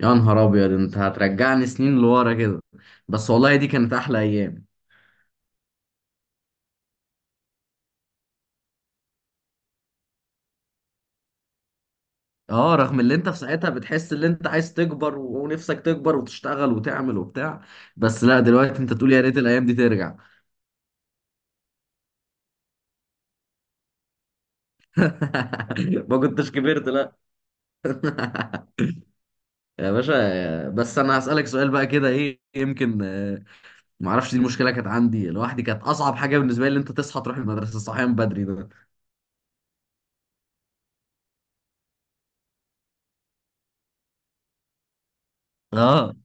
يا نهار ابيض، انت هترجعني سنين لورا كده. بس والله دي كانت احلى ايام. اه، رغم اللي انت في ساعتها بتحس ان انت عايز تكبر ونفسك تكبر وتشتغل وتعمل وبتاع. بس لا، دلوقتي انت تقول يا ريت الايام دي ترجع. ما كنتش كبرت لا. يا باشا، بس انا هسألك سؤال بقى كده، ايه يمكن ما اعرفش. دي المشكله كانت عندي لوحدي، كانت اصعب حاجه بالنسبه لي ان انت تصحى تروح المدرسه صحيان بدري ده. اه،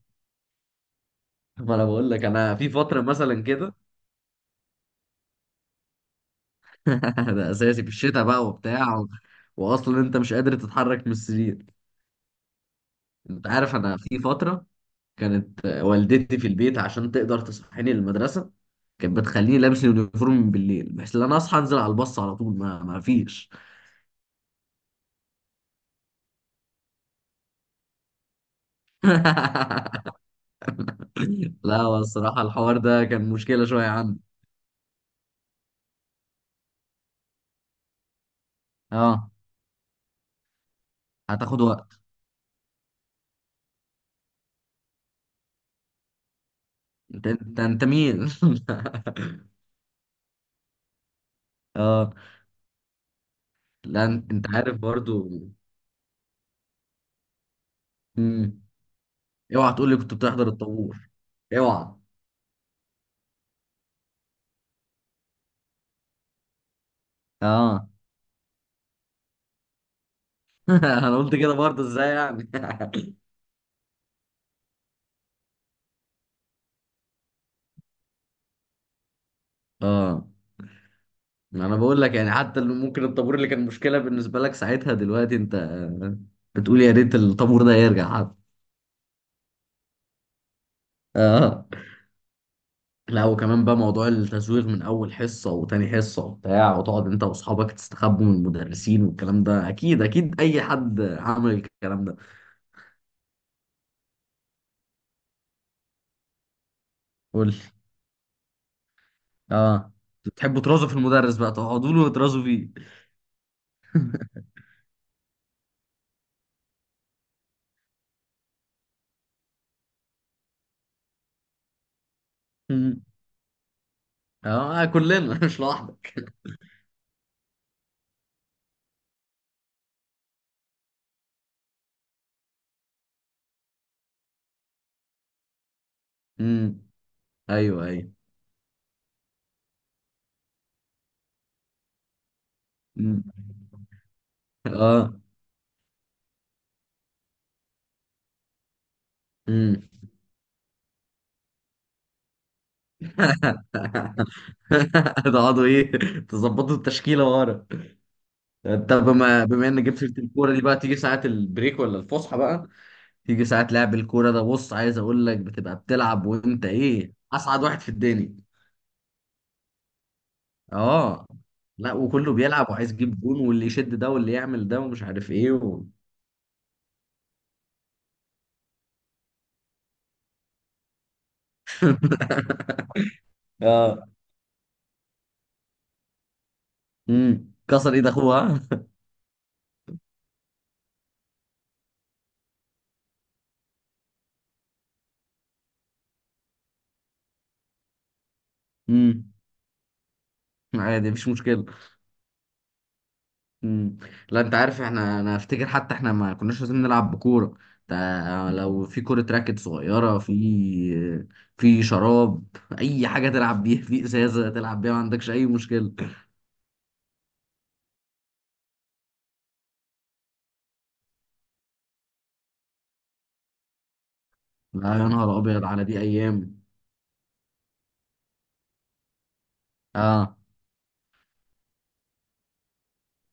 ما انا بقول لك انا في فتره مثلا كده. ده اساسي في الشتاء بقى، وبتاع واصلا انت مش قادر تتحرك من السرير. انت عارف، انا في فتره كانت والدتي في البيت عشان تقدر تصحيني للمدرسه، كانت بتخليني لابس اليونيفورم من بالليل بحيث ان انا اصحى انزل على الباص على طول، ما فيش. لا، هو الصراحه الحوار ده كان مشكله شويه عندي. اه، هتاخد وقت. انت مين؟ اه لا، انت عارف برضو. مم. اوعى تقول لي كنت بتحضر الطابور، اوعى. اه. انا قلت كده برضه، ازاي يعني؟ اه، ما انا بقول لك يعني، حتى اللي ممكن الطابور اللي كان مشكله بالنسبه لك ساعتها، دلوقتي انت بتقول يا ريت الطابور ده يرجع حتى. اه لا، وكمان بقى موضوع التزويغ من اول حصه وتاني حصه وبتاع، وتقعد انت واصحابك تستخبوا من المدرسين والكلام ده. اكيد اكيد اي حد عمل الكلام ده. قول لي. اه، بتحبوا ترازوا في المدرس بقى، تقعدوا له وترازوا فيه. اه كلنا. مش لوحدك. امم. ايوه ايوه. مم. اه. امم. تقعدوا ايه؟ تظبطوا التشكيله ورا؟ انت، بما ان جبت سيره الكوره دي بقى، تيجي ساعه البريك ولا الفسحه بقى، تيجي ساعه لعب الكوره ده، بص عايز اقول لك، بتبقى بتلعب وانت ايه، اسعد واحد في الدنيا. اه لا، وكله بيلعب وعايز يجيب جون، واللي يشد ده واللي يعمل ده ومش عارف ايه اه. امم. كسر ايد اخوها. امم. عادي، مفيش مشكله. مم. لا انت عارف، احنا انا افتكر حتى احنا ما كناش لازم نلعب بكوره. لو في كوره راكت صغيره، في شراب، اي حاجه تلعب بيها، في ازازه تلعب بيها، ما عندكش اي مشكله. لا يا نهار ابيض، على دي ايام! اه،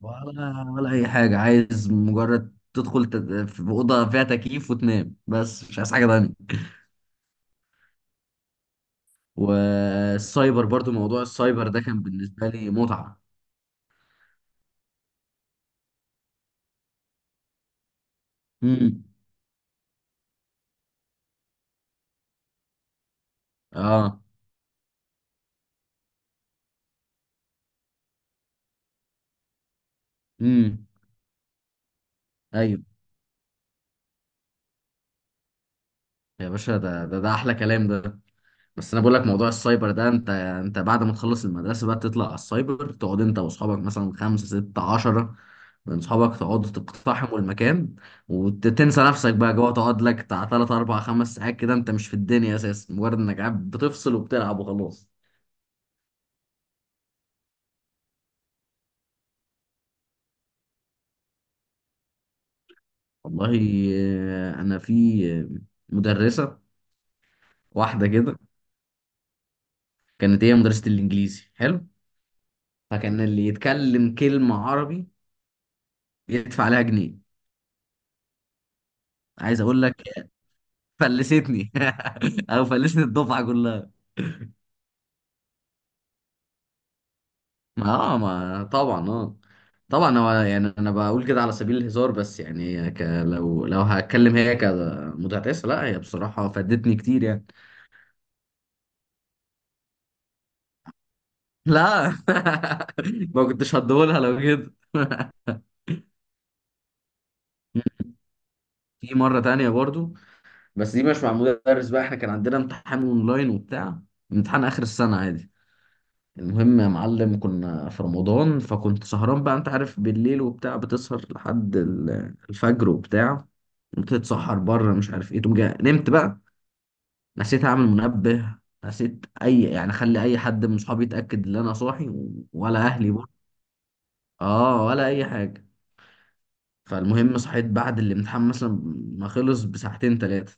ولا اي حاجه، عايز مجرد تدخل في اوضه فيها تكييف وتنام، بس مش عايز حاجه تانيه. والسايبر برضو، موضوع السايبر ده كان بالنسبه لي متعه. امم. اه. امم. يا باشا، ده احلى كلام ده. بس انا بقول لك، موضوع السايبر ده، انت بعد ما تخلص المدرسه بقى، تطلع على السايبر، تقعد انت واصحابك مثلا خمسة ستة عشرة من صحابك، تقعدوا تقتحموا المكان، وتنسى نفسك بقى جوه، تقعد لك بتاع تلات أربع خمس ساعات كده، انت مش في الدنيا اساسا، مجرد انك قاعد بتفصل وبتلعب وخلاص. والله انا في آه، مدرسه واحده كده كانت، هي مدرسه الانجليزي حلو، فكان اللي يتكلم كلمه عربي يدفع عليها جنيه. عايز اقول لك، فلستني. او فلست الدفعه كلها. ما اه، ما طبعا، اه طبعا. هو يعني انا بقول كده على سبيل الهزار، بس يعني لو هتكلم هي كمتعتسه، لا، هي بصراحه فادتني كتير يعني. لا. ما كنتش هديهولها لو كده. في مرة تانية برضو، بس دي مش مع مدرس بقى. احنا كان عندنا امتحان اونلاين وبتاع، امتحان اخر السنة عادي. المهم يا معلم، كنا في رمضان فكنت سهران بقى، انت عارف، بالليل وبتاع، بتسهر لحد الفجر وبتاع، بتتسحر بره مش عارف ايه، تقوم جاي نمت بقى. نسيت اعمل منبه، نسيت اي يعني اخلي اي حد من صحابي يتاكد ان انا صاحي ولا اهلي برضه. اه، ولا اي حاجه. فالمهم صحيت بعد الامتحان مثلا ما خلص بساعتين ثلاثه.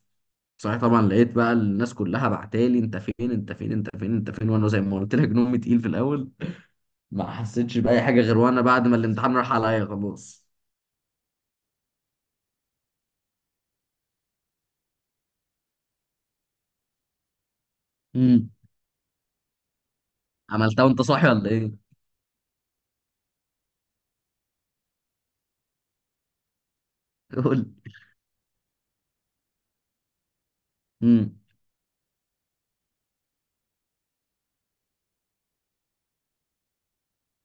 صحيت طبعا، لقيت بقى الناس كلها بعتالي انت فين انت فين انت فين انت فين. وانا زي ما قلت لك، نومي تقيل في الاول، ما حسيتش بأي حاجة، غير وأنا بعد ما الامتحان راح عليا خلاص. امم. عملتها وأنت صاحي ولا إيه؟ قول. امم.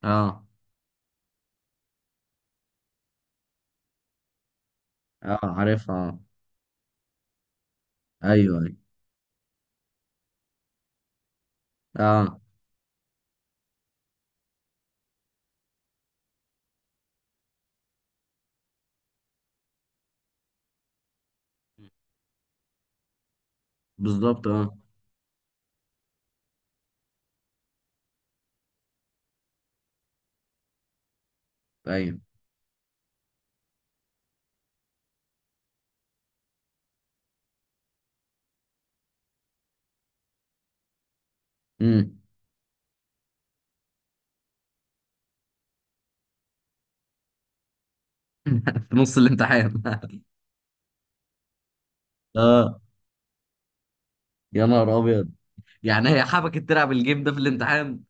أه. أه عارفها أه. أيوه أيوه. أه بالظبط أه. أيوه. امم. في نص الامتحان. أه. يا نهار أبيض! يعني هي حبكت تلعب الجيم ده في الامتحان؟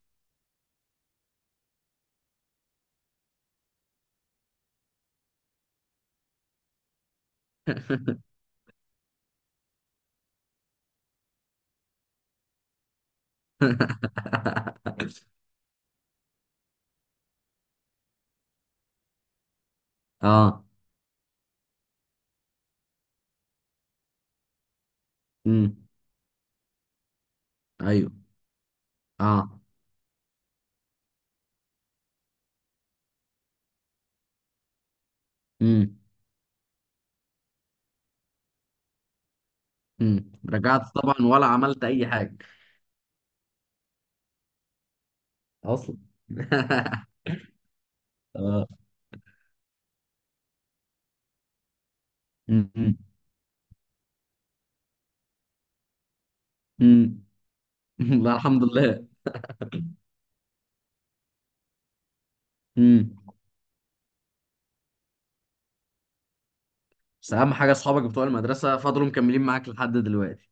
أه. امم. أيوه أه. امم. امم. رجعت طبعا ولا عملت أي حاجة. أصلا. اه. امم. لا الحمد لله. امم. بس اهم حاجه، اصحابك بتوع المدرسه فضلوا مكملين معاك لحد دلوقتي.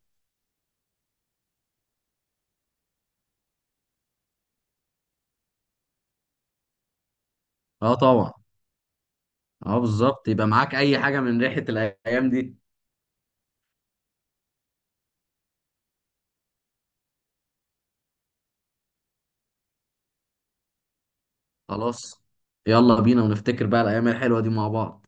اه طبعا. اه بالظبط. يبقى معاك اي حاجه من ريحه الايام دي. خلاص. يلا بينا ونفتكر بقى الايام الحلوه دي مع بعض.